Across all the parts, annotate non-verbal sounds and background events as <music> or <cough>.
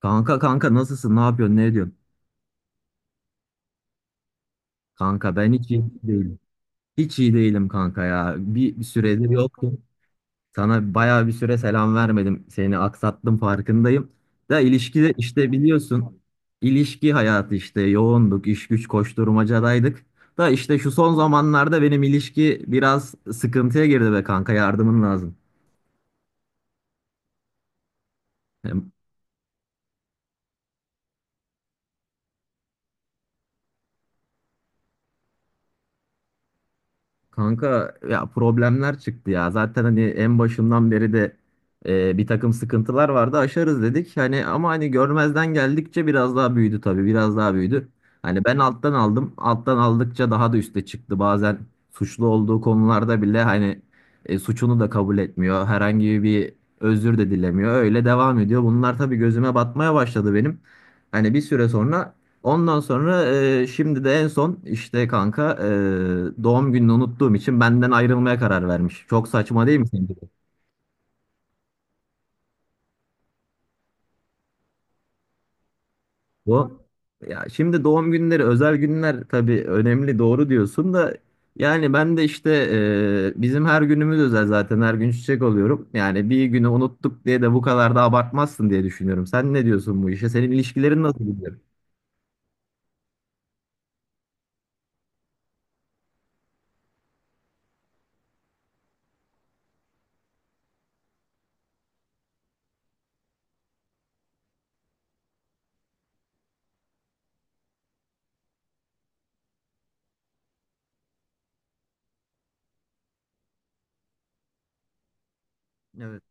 Kanka kanka nasılsın? Ne yapıyorsun? Ne ediyorsun? Kanka ben hiç iyi değilim. Hiç iyi değilim kanka ya. Bir süredir yoktum. Sana bayağı bir süre selam vermedim. Seni aksattım farkındayım. Da ilişkide işte biliyorsun. İlişki hayatı işte yoğunduk, iş güç koşturmacadaydık. Da işte şu son zamanlarda benim ilişki biraz sıkıntıya girdi be kanka, yardımın lazım. Kanka ya, problemler çıktı ya. Zaten hani en başından beri de bir takım sıkıntılar vardı. Aşarız dedik. Hani ama hani görmezden geldikçe biraz daha büyüdü tabii. Biraz daha büyüdü. Hani ben alttan aldım. Alttan aldıkça daha da üste çıktı. Bazen suçlu olduğu konularda bile hani suçunu da kabul etmiyor. Herhangi bir özür de dilemiyor. Öyle devam ediyor. Bunlar tabii gözüme batmaya başladı benim. Hani bir süre sonra Ondan sonra şimdi de en son işte kanka, doğum gününü unuttuğum için benden ayrılmaya karar vermiş. Çok saçma değil mi sence de? Bu, ya şimdi doğum günleri özel günler tabii, önemli, doğru diyorsun da yani ben de işte, bizim her günümüz özel zaten, her gün çiçek alıyorum. Yani bir günü unuttuk diye de bu kadar da abartmazsın diye düşünüyorum. Sen ne diyorsun bu işe? Senin ilişkilerin nasıl gidiyor? Evet.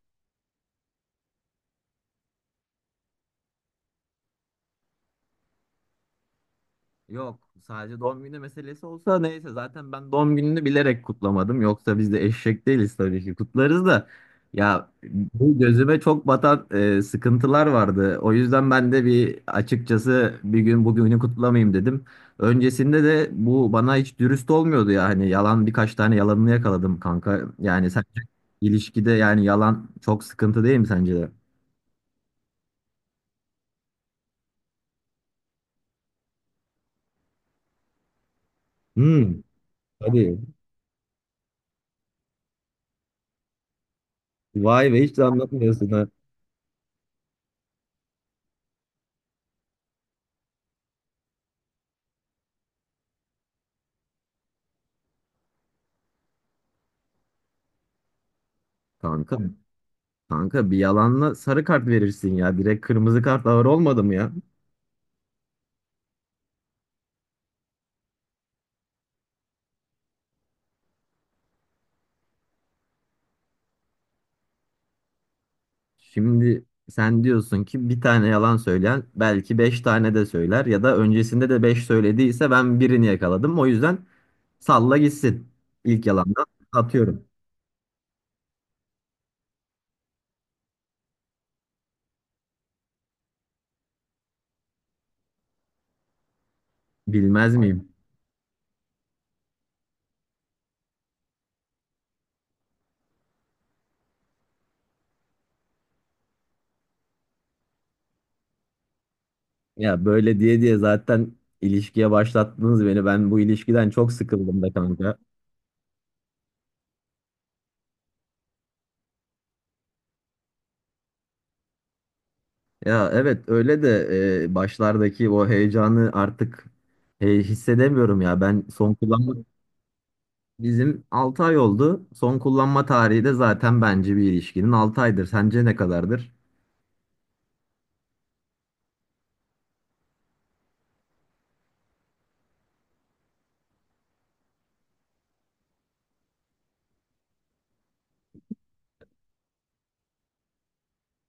Yok, sadece doğum günü meselesi olsa neyse, zaten ben doğum gününü bilerek kutlamadım. Yoksa biz de eşek değiliz tabii ki, kutlarız da. Ya, bu gözüme çok batan sıkıntılar vardı. O yüzden ben de bir açıkçası bir gün bugünü kutlamayayım dedim. Öncesinde de bu bana hiç dürüst olmuyordu ya. Hani, birkaç tane yalanını yakaladım kanka. Yani sence ilişkide yani yalan çok sıkıntı değil mi sence de? Hmm, hadi. Vay be, hiç de anlatmıyorsun ha. Kanka. Kanka, bir yalanla sarı kart verirsin ya. Direkt kırmızı kart ağır olmadı mı ya? Şimdi sen diyorsun ki bir tane yalan söyleyen belki beş tane de söyler, ya da öncesinde de beş söylediyse ben birini yakaladım. O yüzden salla gitsin. İlk yalandan atıyorum. Bilmez miyim? Ya böyle diye diye zaten ilişkiye başlattınız beni. Ben bu ilişkiden çok sıkıldım da kanka. Ya evet öyle de başlardaki o heyecanı artık hissedemiyorum ya. Ben son kullanma. Bizim 6 ay oldu. Son kullanma tarihi de zaten bence bir ilişkinin 6 aydır. Sence ne kadardır?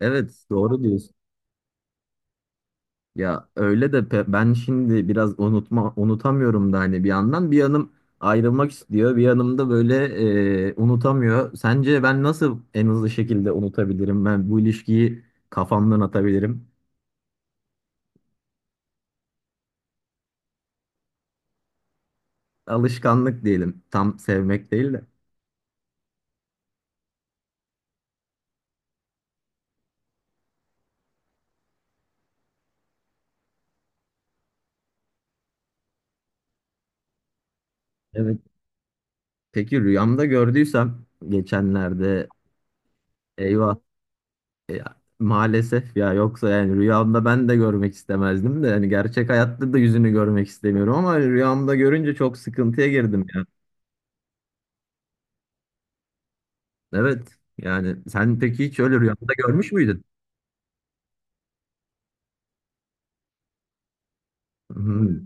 Evet, doğru diyorsun. Ya öyle de ben şimdi biraz unutamıyorum da, hani bir yandan bir yanım ayrılmak istiyor, bir yanım da böyle unutamıyor. Sence ben nasıl en hızlı şekilde unutabilirim? Ben bu ilişkiyi kafamdan atabilirim. Alışkanlık diyelim. Tam sevmek değil de. Evet. Peki rüyamda gördüysem geçenlerde, eyvah. Ya, maalesef ya, yoksa yani rüyamda ben de görmek istemezdim de, yani gerçek hayatta da yüzünü görmek istemiyorum ama rüyamda görünce çok sıkıntıya girdim ya. Evet yani sen peki hiç öyle rüyamda görmüş müydün? Hı.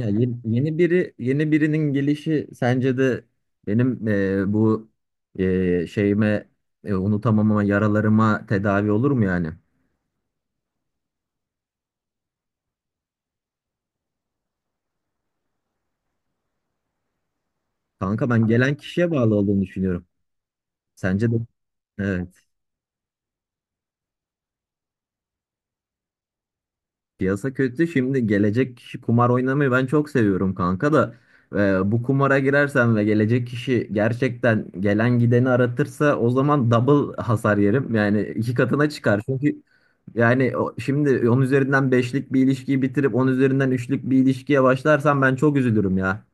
Ya, yeni birinin gelişi sence de benim bu şeyime, unutamamama, yaralarıma tedavi olur mu yani? Kanka ben gelen kişiye bağlı olduğunu düşünüyorum. Sence de? Evet. Piyasa kötü. Şimdi gelecek kişi, kumar oynamayı ben çok seviyorum kanka da bu kumara girersem ve gelecek kişi gerçekten gelen gideni aratırsa o zaman double hasar yerim. Yani iki katına çıkar. Çünkü yani şimdi 10 üzerinden beşlik bir ilişkiyi bitirip 10 üzerinden üçlük bir ilişkiye başlarsam ben çok üzülürüm ya.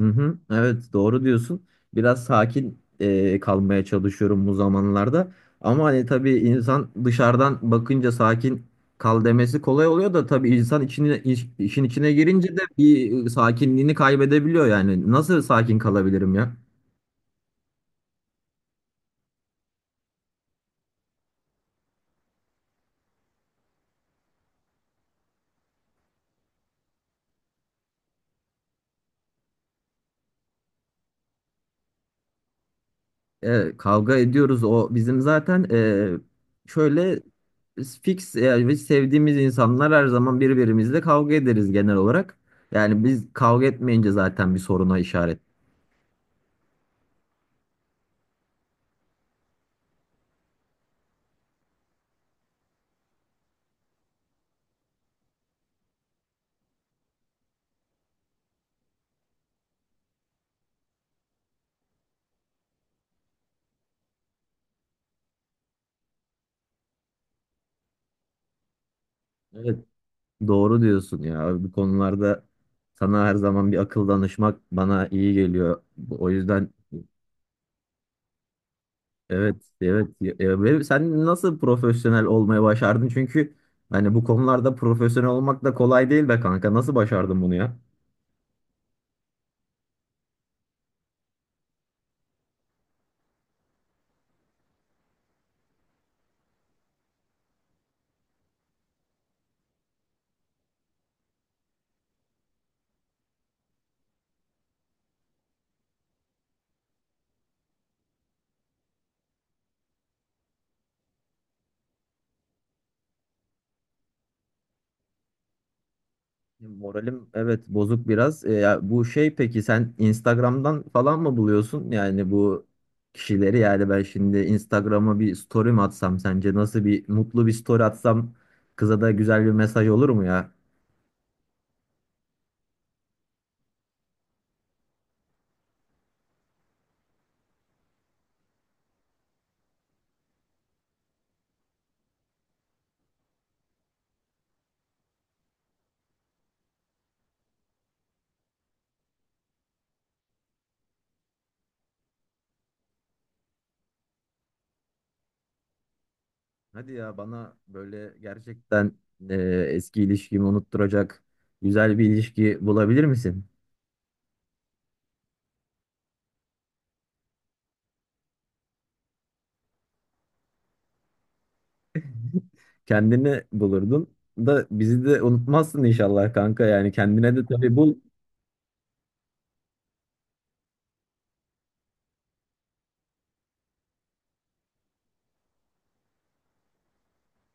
Hı hı, evet doğru diyorsun. Biraz sakin kalmaya çalışıyorum bu zamanlarda. Ama hani tabii insan dışarıdan bakınca sakin kal demesi kolay oluyor da, tabii insan içine, işin içine girince de bir sakinliğini kaybedebiliyor yani. Nasıl sakin kalabilirim ya? Kavga ediyoruz. O bizim zaten şöyle fix yani, biz sevdiğimiz insanlar her zaman birbirimizle kavga ederiz genel olarak. Yani biz kavga etmeyince zaten bir soruna işaret. Evet, doğru diyorsun ya. Bu konularda sana her zaman bir akıl danışmak bana iyi geliyor. O yüzden evet, evet. Ve sen nasıl profesyonel olmayı başardın? Çünkü hani bu konularda profesyonel olmak da kolay değil be kanka. Nasıl başardın bunu ya? Moralim evet bozuk biraz. Ya bu şey, peki sen Instagram'dan falan mı buluyorsun? Yani bu kişileri, yani ben şimdi Instagram'a bir story mi atsam, sence nasıl bir mutlu bir story atsam kıza da güzel bir mesaj olur mu ya? Hadi ya, bana böyle gerçekten e, eski ilişkimi unutturacak güzel bir ilişki bulabilir misin? <laughs> Kendini bulurdun da bizi de unutmazsın inşallah kanka, yani kendine de tabii bul,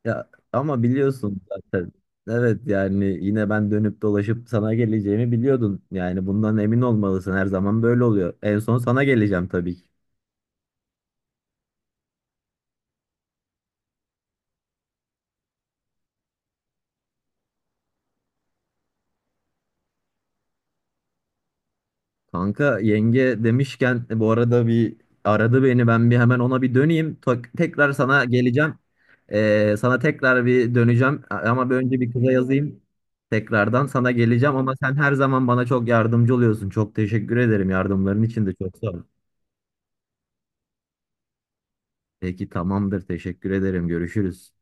ya ama biliyorsun zaten. Evet yani, yine ben dönüp dolaşıp sana geleceğimi biliyordun. Yani bundan emin olmalısın. Her zaman böyle oluyor. En son sana geleceğim tabii ki. Kanka, yenge demişken bu arada bir aradı beni, ben bir hemen ona bir döneyim. Tekrar sana geleceğim. Sana tekrar bir döneceğim ama bir önce bir kıza yazayım. Tekrardan sana geleceğim ama sen her zaman bana çok yardımcı oluyorsun. Çok teşekkür ederim, yardımların için de çok sağ ol. Peki tamamdır, teşekkür ederim, görüşürüz.